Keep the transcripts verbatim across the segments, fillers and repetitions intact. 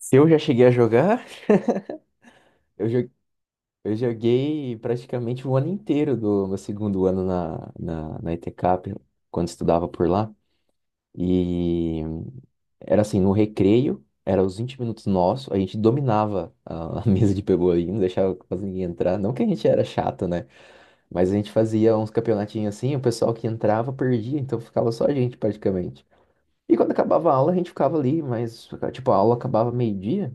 Se eu já cheguei a jogar, eu jo- eu joguei praticamente o ano inteiro do meu segundo ano na, na, na E T CAP, quando estudava por lá. E era assim, no recreio, era os vinte minutos nosso, a gente dominava a, a mesa de pebolim, não deixava quase ninguém entrar. Não que a gente era chato, né? Mas a gente fazia uns campeonatinhos assim, o pessoal que entrava perdia, então ficava só a gente praticamente. E quando acabava a aula, a gente ficava ali, mas tipo, a aula acabava meio-dia.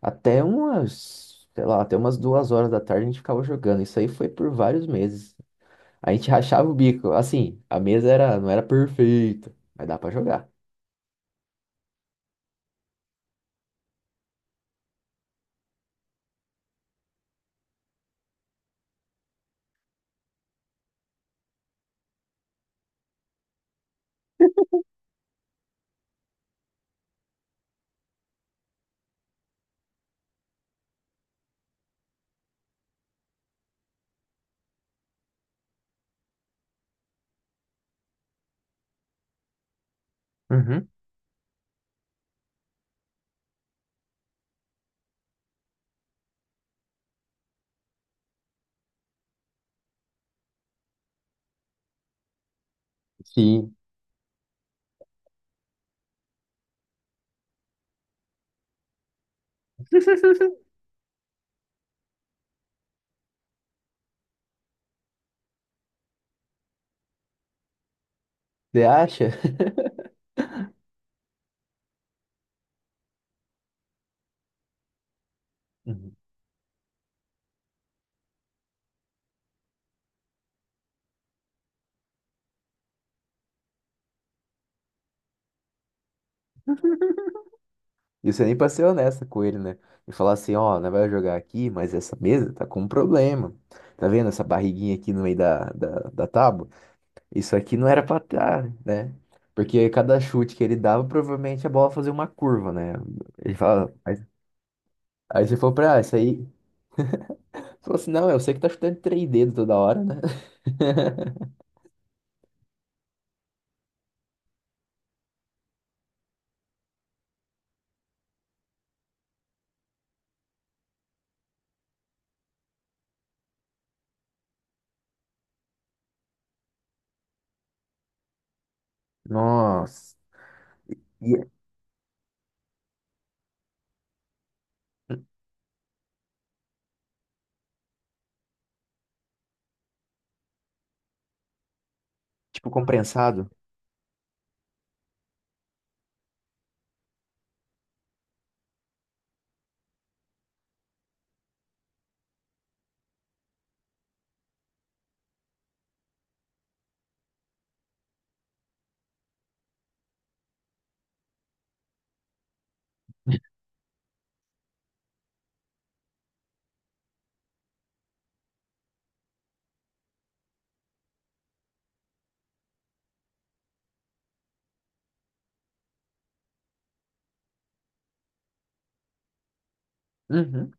Até umas, sei lá, até umas duas horas da tarde a gente ficava jogando. Isso aí foi por vários meses. A gente rachava o bico. Assim, a mesa era, não era perfeita, mas dá pra jogar. Uhum. Sim. Você acha? Uhum. E você nem pra ser honesta com ele, né? E falar assim, ó, nós vai jogar aqui, mas essa mesa tá com um problema. Tá vendo essa barriguinha aqui no meio da, da, da tábua? Isso aqui não era pra estar, né? Porque cada chute que ele dava, provavelmente a bola fazia uma curva, né? Ele fala, aí você falou pra, ah, isso aí. Você falou assim, não, eu sei que tá chutando três dedos toda hora, né? Nossa. E, tipo, compensado. Uhum.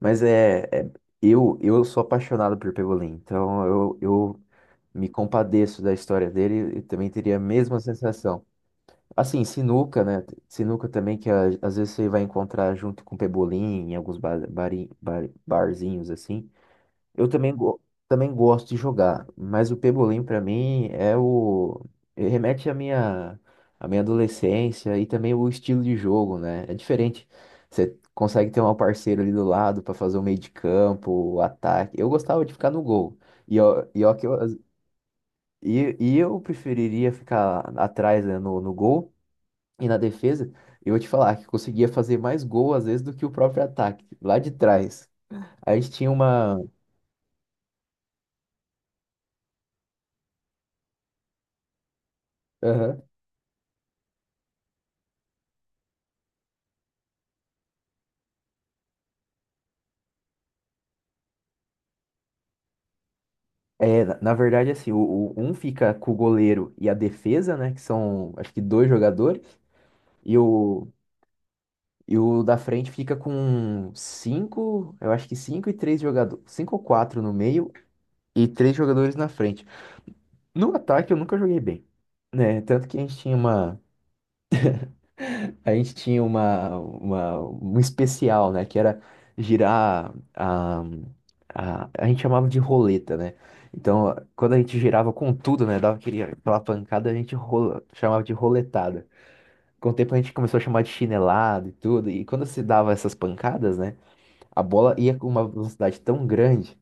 Mas é, é- eu, eu sou apaixonado por Pebolim, então eu, eu me compadeço da história dele e também teria a mesma sensação. Assim, sinuca, né? Sinuca também, que a- às vezes você vai encontrar junto com Pebolim em alguns bar, bari- bar- barzinhos, assim. Eu também, go- também gosto de jogar, mas o pebolim pra mim é o ele remete à minha à minha adolescência e também o estilo de jogo, né? É diferente. Você consegue ter um parceiro ali do lado pra fazer o meio de campo, o ataque. Eu gostava de ficar no gol. E ó, e ó que eu, e, e eu preferiria ficar atrás, né, no, no gol e na defesa. Eu vou te falar que eu conseguia fazer mais gol às vezes do que o próprio ataque, lá de trás. A gente tinha uma. Aham. É, na na verdade, assim, o, o- um fica com o goleiro e a defesa, né? Que são, acho que dois jogadores. E o, e o da frente fica com cinco, eu acho que cinco e três jogadores. Cinco ou quatro no meio e três jogadores na frente. No ataque eu nunca joguei bem, né? Tanto que a gente tinha uma. A gente tinha uma, uma, um especial, né? Que era girar a, a, a gente chamava de roleta, né? Então, quando a gente girava com tudo, né? Dava aquele- aquela pancada, a gente rola, chamava de roletada. Com o tempo a gente começou a chamar de chinelada e tudo. E quando se dava essas pancadas, né? A bola ia com uma velocidade tão grande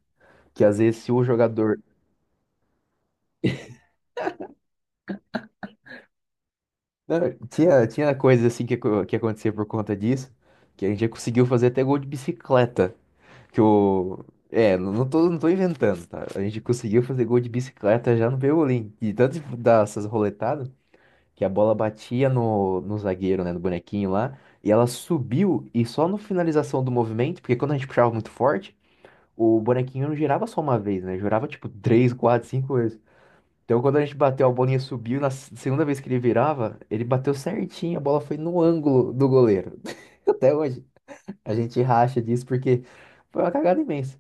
que às vezes se o jogador. Não, tinha, tinha coisas assim que, acon- que acontecia por conta disso, que a gente já conseguiu fazer até gol de bicicleta. Que o. É, não não tô, não tô inventando, tá? A gente conseguiu fazer gol de bicicleta já no Pebolim. E tanto de dar essas roletadas que a bola batia no, no zagueiro, né? No bonequinho lá. E ela subiu e só no finalização do movimento, porque quando a gente puxava muito forte, o bonequinho não girava só uma vez, né? Girava tipo três, quatro, cinco vezes. Então quando a gente bateu, a bolinha subiu. Na s- segunda vez que ele virava, ele bateu certinho. A bola foi no ângulo do goleiro. Até hoje. A gente racha disso porque foi uma cagada imensa.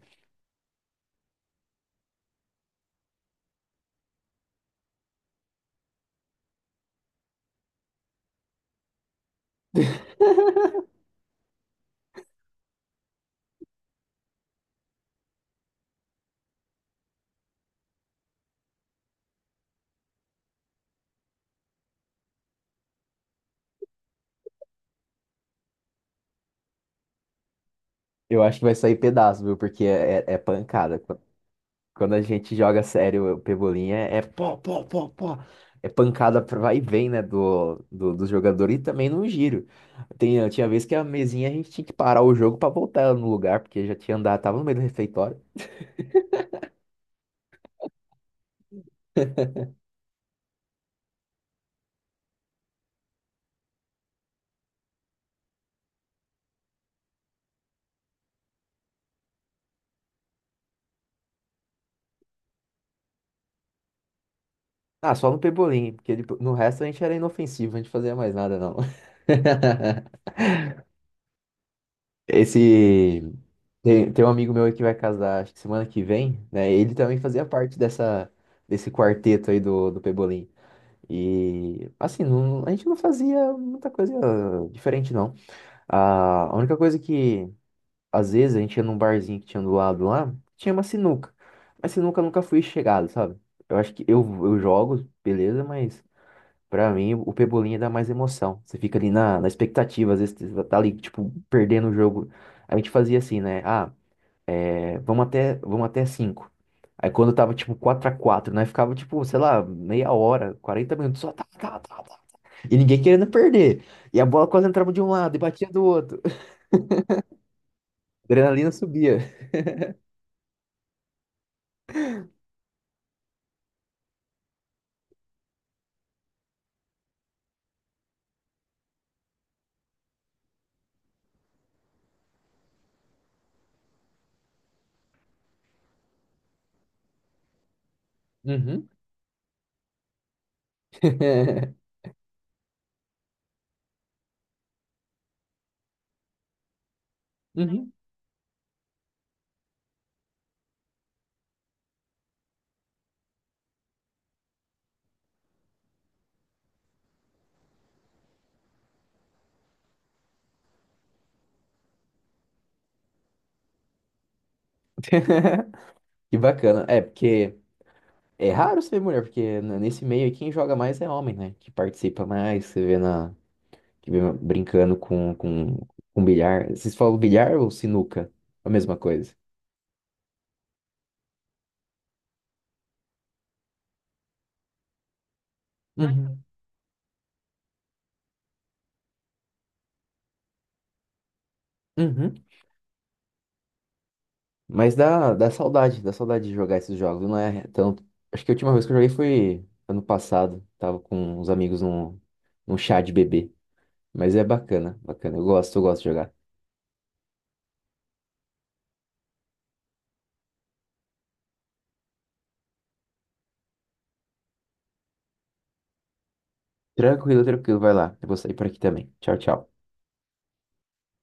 Eu acho que vai sair pedaço, viu? Porque é, é- é pancada. Qu- Quando a gente joga sério o pebolim é, é pó, pó, pó, pó. É pancada pra vai e vem, né? Do, do, do jogador e também no giro. Tem, tinha vez que a mesinha a gente tinha que parar o jogo pra voltar ela no lugar, porque já tinha andado, tava no meio do refeitório. Ah, só no pebolim, porque ele- no resto a gente era inofensivo, a gente fazia mais nada, não. Esse. Tem, tem um amigo meu aí que vai casar, acho que semana que vem, né? Ele também fazia parte dessa, desse quarteto aí do, do Pebolim. E, assim, não- a gente não fazia muita coisa diferente, não. A, a única coisa que, às vezes, a gente ia num barzinho que tinha do lado lá, tinha uma sinuca. Mas sinuca eu nunca fui chegado, sabe? Eu acho que eu, eu jogo, beleza, mas pra mim, o Pebolinha dá mais emoção. Você fica ali na, na expectativa, às vezes você tá ali, tipo, perdendo o jogo. A gente fazia assim, né? Ah, é, vamos até, vamos até cinco. Aí quando tava, tipo, quatro a quatro, né? Ficava, tipo, sei lá, meia hora, quarenta minutos, só tá, tá, tá, tá. E ninguém querendo perder. E a bola quase entrava de um lado e batia do outro. adrenalina subia. Uhum. Uhum. Que bacana. É, porque é raro você ver mulher, porque n- nesse meio aí quem joga mais é homem, né? Que participa mais, você vê na que vem brincando com, com, com bilhar. Vocês falam bilhar ou sinuca? A mesma coisa. Uhum. Uhum. Mas dá, dá saudade, dá saudade de jogar esses jogos. Não é tanto. Acho que a última vez que eu joguei foi ano passado. Tava com uns amigos num, num chá de bebê. Mas é bacana, bacana. Eu gosto, eu gosto de jogar. Tranquilo, tranquilo, vai lá. Eu vou sair por aqui também. Tchau, tchau.